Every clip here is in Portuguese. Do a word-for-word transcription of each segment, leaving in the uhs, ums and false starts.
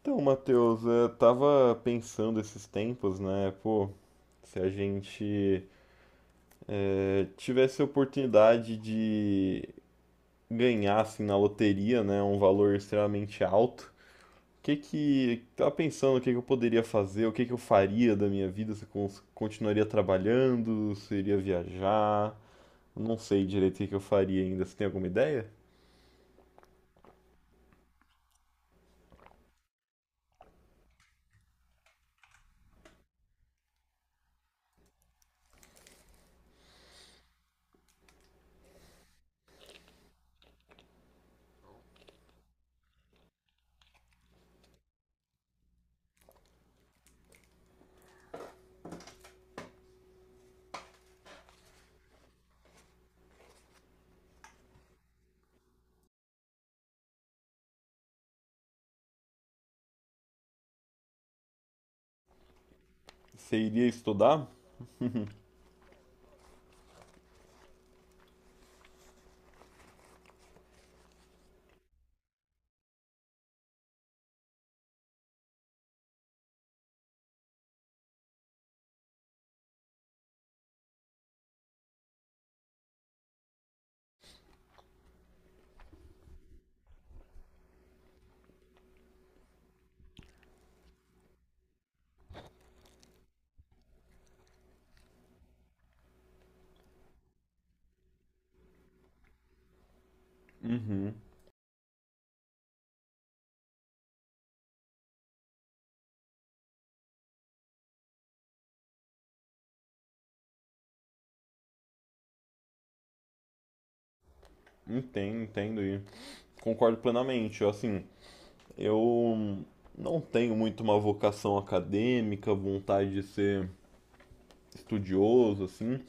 Então, Matheus, eu tava pensando esses tempos, né? Pô, se a gente eh, tivesse a oportunidade de ganhar, assim, na loteria, né? Um valor extremamente alto, o que que... tava pensando o que que eu poderia fazer, o que que eu faria da minha vida, se eu cons- continuaria trabalhando, se eu iria viajar, não sei direito o que que eu faria ainda. Você tem alguma ideia? Você iria estudar? Uhum, entendo, entendo e concordo plenamente, eu, assim. Eu não tenho muito uma vocação acadêmica, vontade de ser estudioso, assim.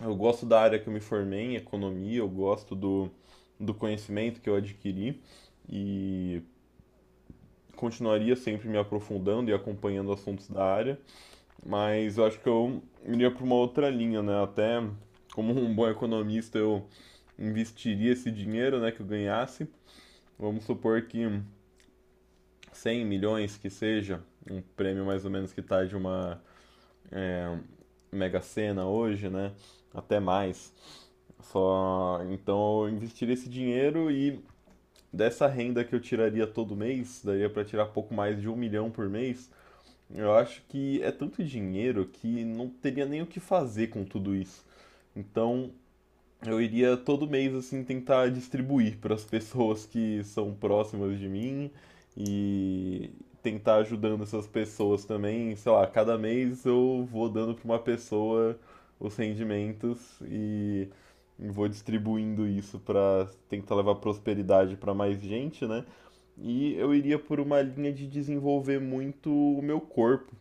Eu gosto da área que eu me formei em economia, eu gosto do, do conhecimento que eu adquiri e continuaria sempre me aprofundando e acompanhando assuntos da área, mas eu acho que eu iria para uma outra linha, né? Até como um bom economista, eu investiria esse dinheiro, né, que eu ganhasse. Vamos supor que cem milhões que seja, um prêmio mais ou menos que tá de uma Mega Sena hoje, né? Até mais. Só então eu investiria esse dinheiro e dessa renda que eu tiraria todo mês, daria para tirar pouco mais de um milhão por mês. Eu acho que é tanto dinheiro que não teria nem o que fazer com tudo isso. Então eu iria todo mês assim tentar distribuir para as pessoas que são próximas de mim e tentar ajudando essas pessoas também, sei lá, cada mês eu vou dando para uma pessoa os rendimentos e vou distribuindo isso para tentar levar prosperidade para mais gente, né? E eu iria por uma linha de desenvolver muito o meu corpo,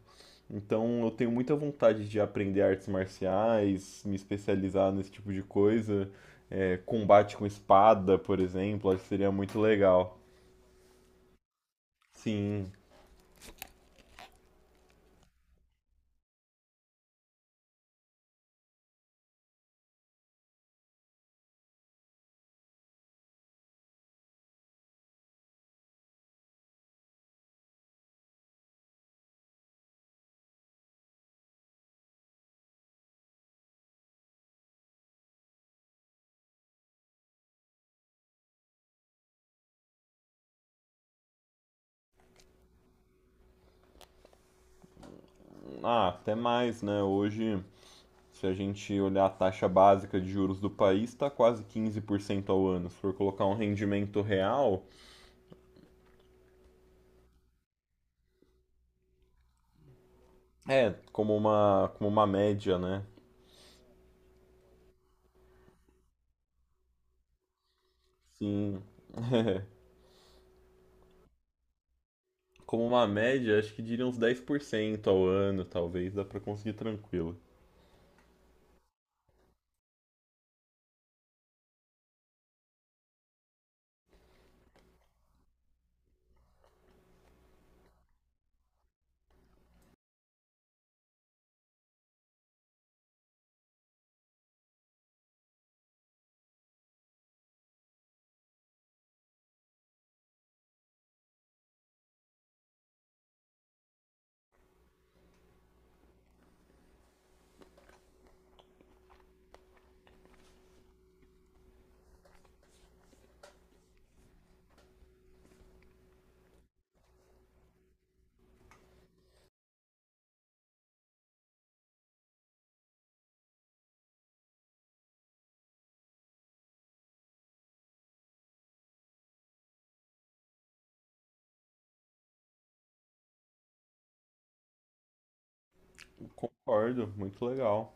então eu tenho muita vontade de aprender artes marciais, me especializar nesse tipo de coisa. É, combate com espada, por exemplo, acho que seria muito legal. Sim, ah, até mais, né? Hoje, se a gente olhar a taxa básica de juros do país, está quase quinze por cento ao ano. Se for colocar um rendimento real, é como uma, como uma média, né? Sim, é. Como uma média, acho que diria uns dez por cento ao ano, talvez, dá para conseguir tranquilo. Concordo, muito legal.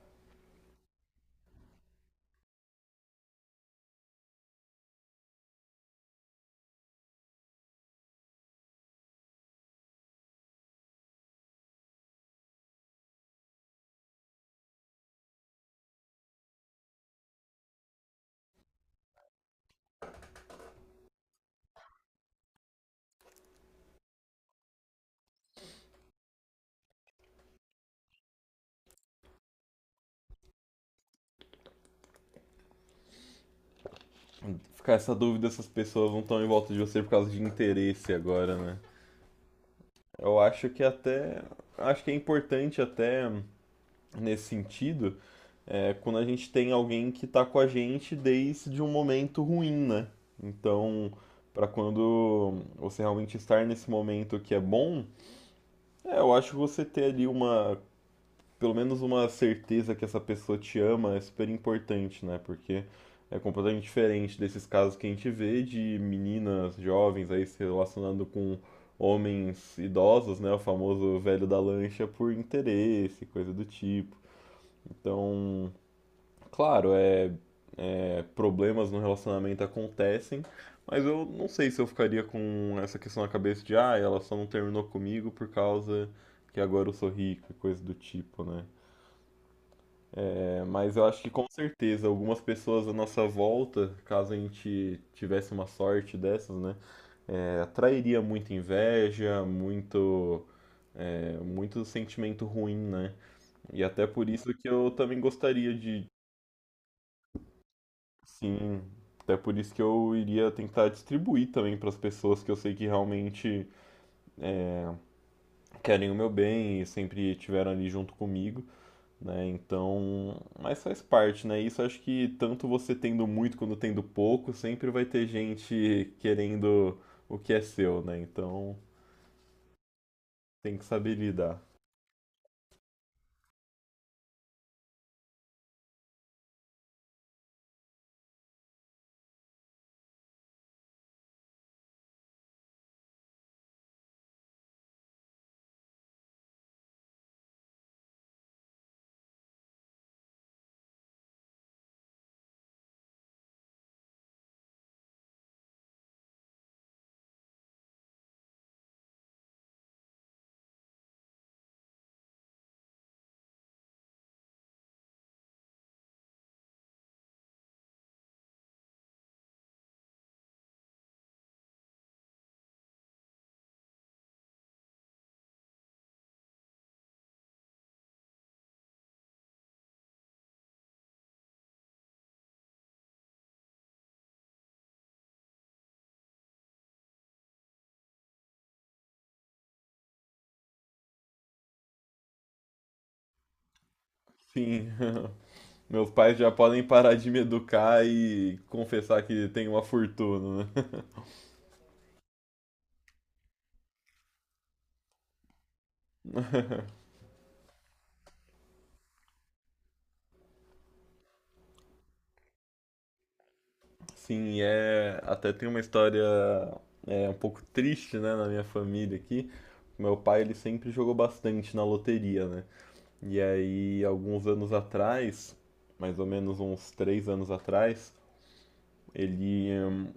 Ficar essa dúvida, essas pessoas não estão em volta de você por causa de interesse agora, né? Eu acho que até. Acho que é importante até nesse sentido, é, quando a gente tem alguém que tá com a gente desde um momento ruim, né? Então, para quando você realmente estar nesse momento que é bom, é, eu acho que você ter ali uma, pelo menos uma certeza que essa pessoa te ama é super importante, né? Porque é completamente diferente desses casos que a gente vê de meninas jovens aí se relacionando com homens idosos, né? O famoso velho da lancha por interesse, coisa do tipo. Então, claro, é, é, problemas no relacionamento acontecem, mas eu não sei se eu ficaria com essa questão na cabeça de, ah, ela só não terminou comigo por causa que agora eu sou rica, coisa do tipo, né? Mas eu acho que com certeza algumas pessoas à nossa volta, caso a gente tivesse uma sorte dessas, né, é, atrairia muita inveja, muito, é, muito sentimento ruim, né? E até por isso que eu também gostaria de, sim, até por isso que eu iria tentar distribuir também para as pessoas que eu sei que realmente querem o meu bem e sempre estiveram ali junto comigo, né? Então, mas faz parte, né? Isso acho que tanto você tendo muito quanto tendo pouco, sempre vai ter gente querendo o que é seu, né? Então, tem que saber lidar. Sim, meus pais já podem parar de me educar e confessar que tem uma fortuna, né? Sim, é, até tem uma história, é um pouco triste, né, na minha família aqui. Meu pai ele sempre jogou bastante na loteria, né? E aí, alguns anos atrás, mais ou menos uns três anos atrás, ele hum,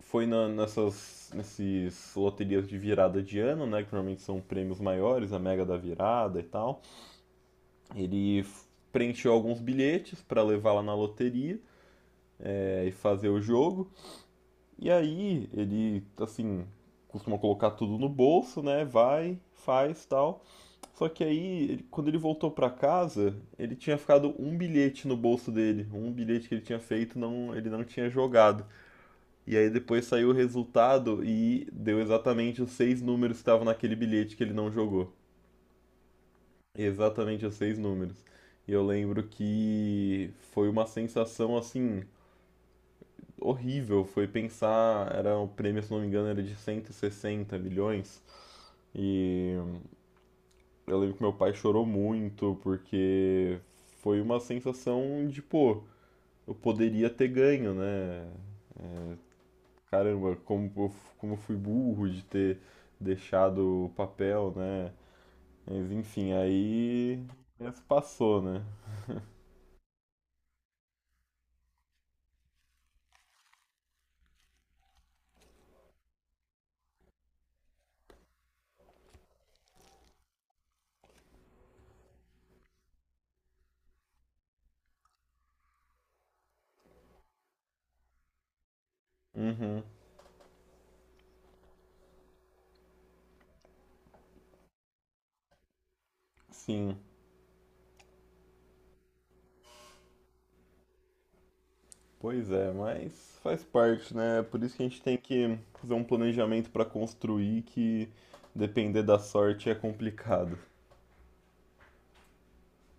foi na- nessas nesses loterias de virada de ano, né? Que normalmente são prêmios maiores, a Mega da Virada e tal. Ele f- preencheu alguns bilhetes para levar lá na loteria, é, e fazer o jogo. E aí, ele, assim, costuma colocar tudo no bolso, né? Vai, faz e tal. Só que aí, ele- quando ele voltou pra casa, ele tinha ficado um bilhete no bolso dele, um bilhete que ele tinha feito, não, ele não tinha jogado. E aí depois saiu o resultado e deu exatamente os seis números que estavam naquele bilhete que ele não jogou. Exatamente os seis números. E eu lembro que foi uma sensação assim horrível, foi pensar, era o prêmio, se não me engano, era de cento e sessenta milhões. E eu lembro que meu pai chorou muito, porque foi uma sensação de, pô, eu poderia ter ganho, né? É, caramba, como, eu f- como eu fui burro de ter deixado o papel, né? Mas enfim, aí isso passou, né? Uhum, sim. Pois é, mas faz parte, né? Por isso que a gente tem que fazer um planejamento para construir que depender da sorte é complicado.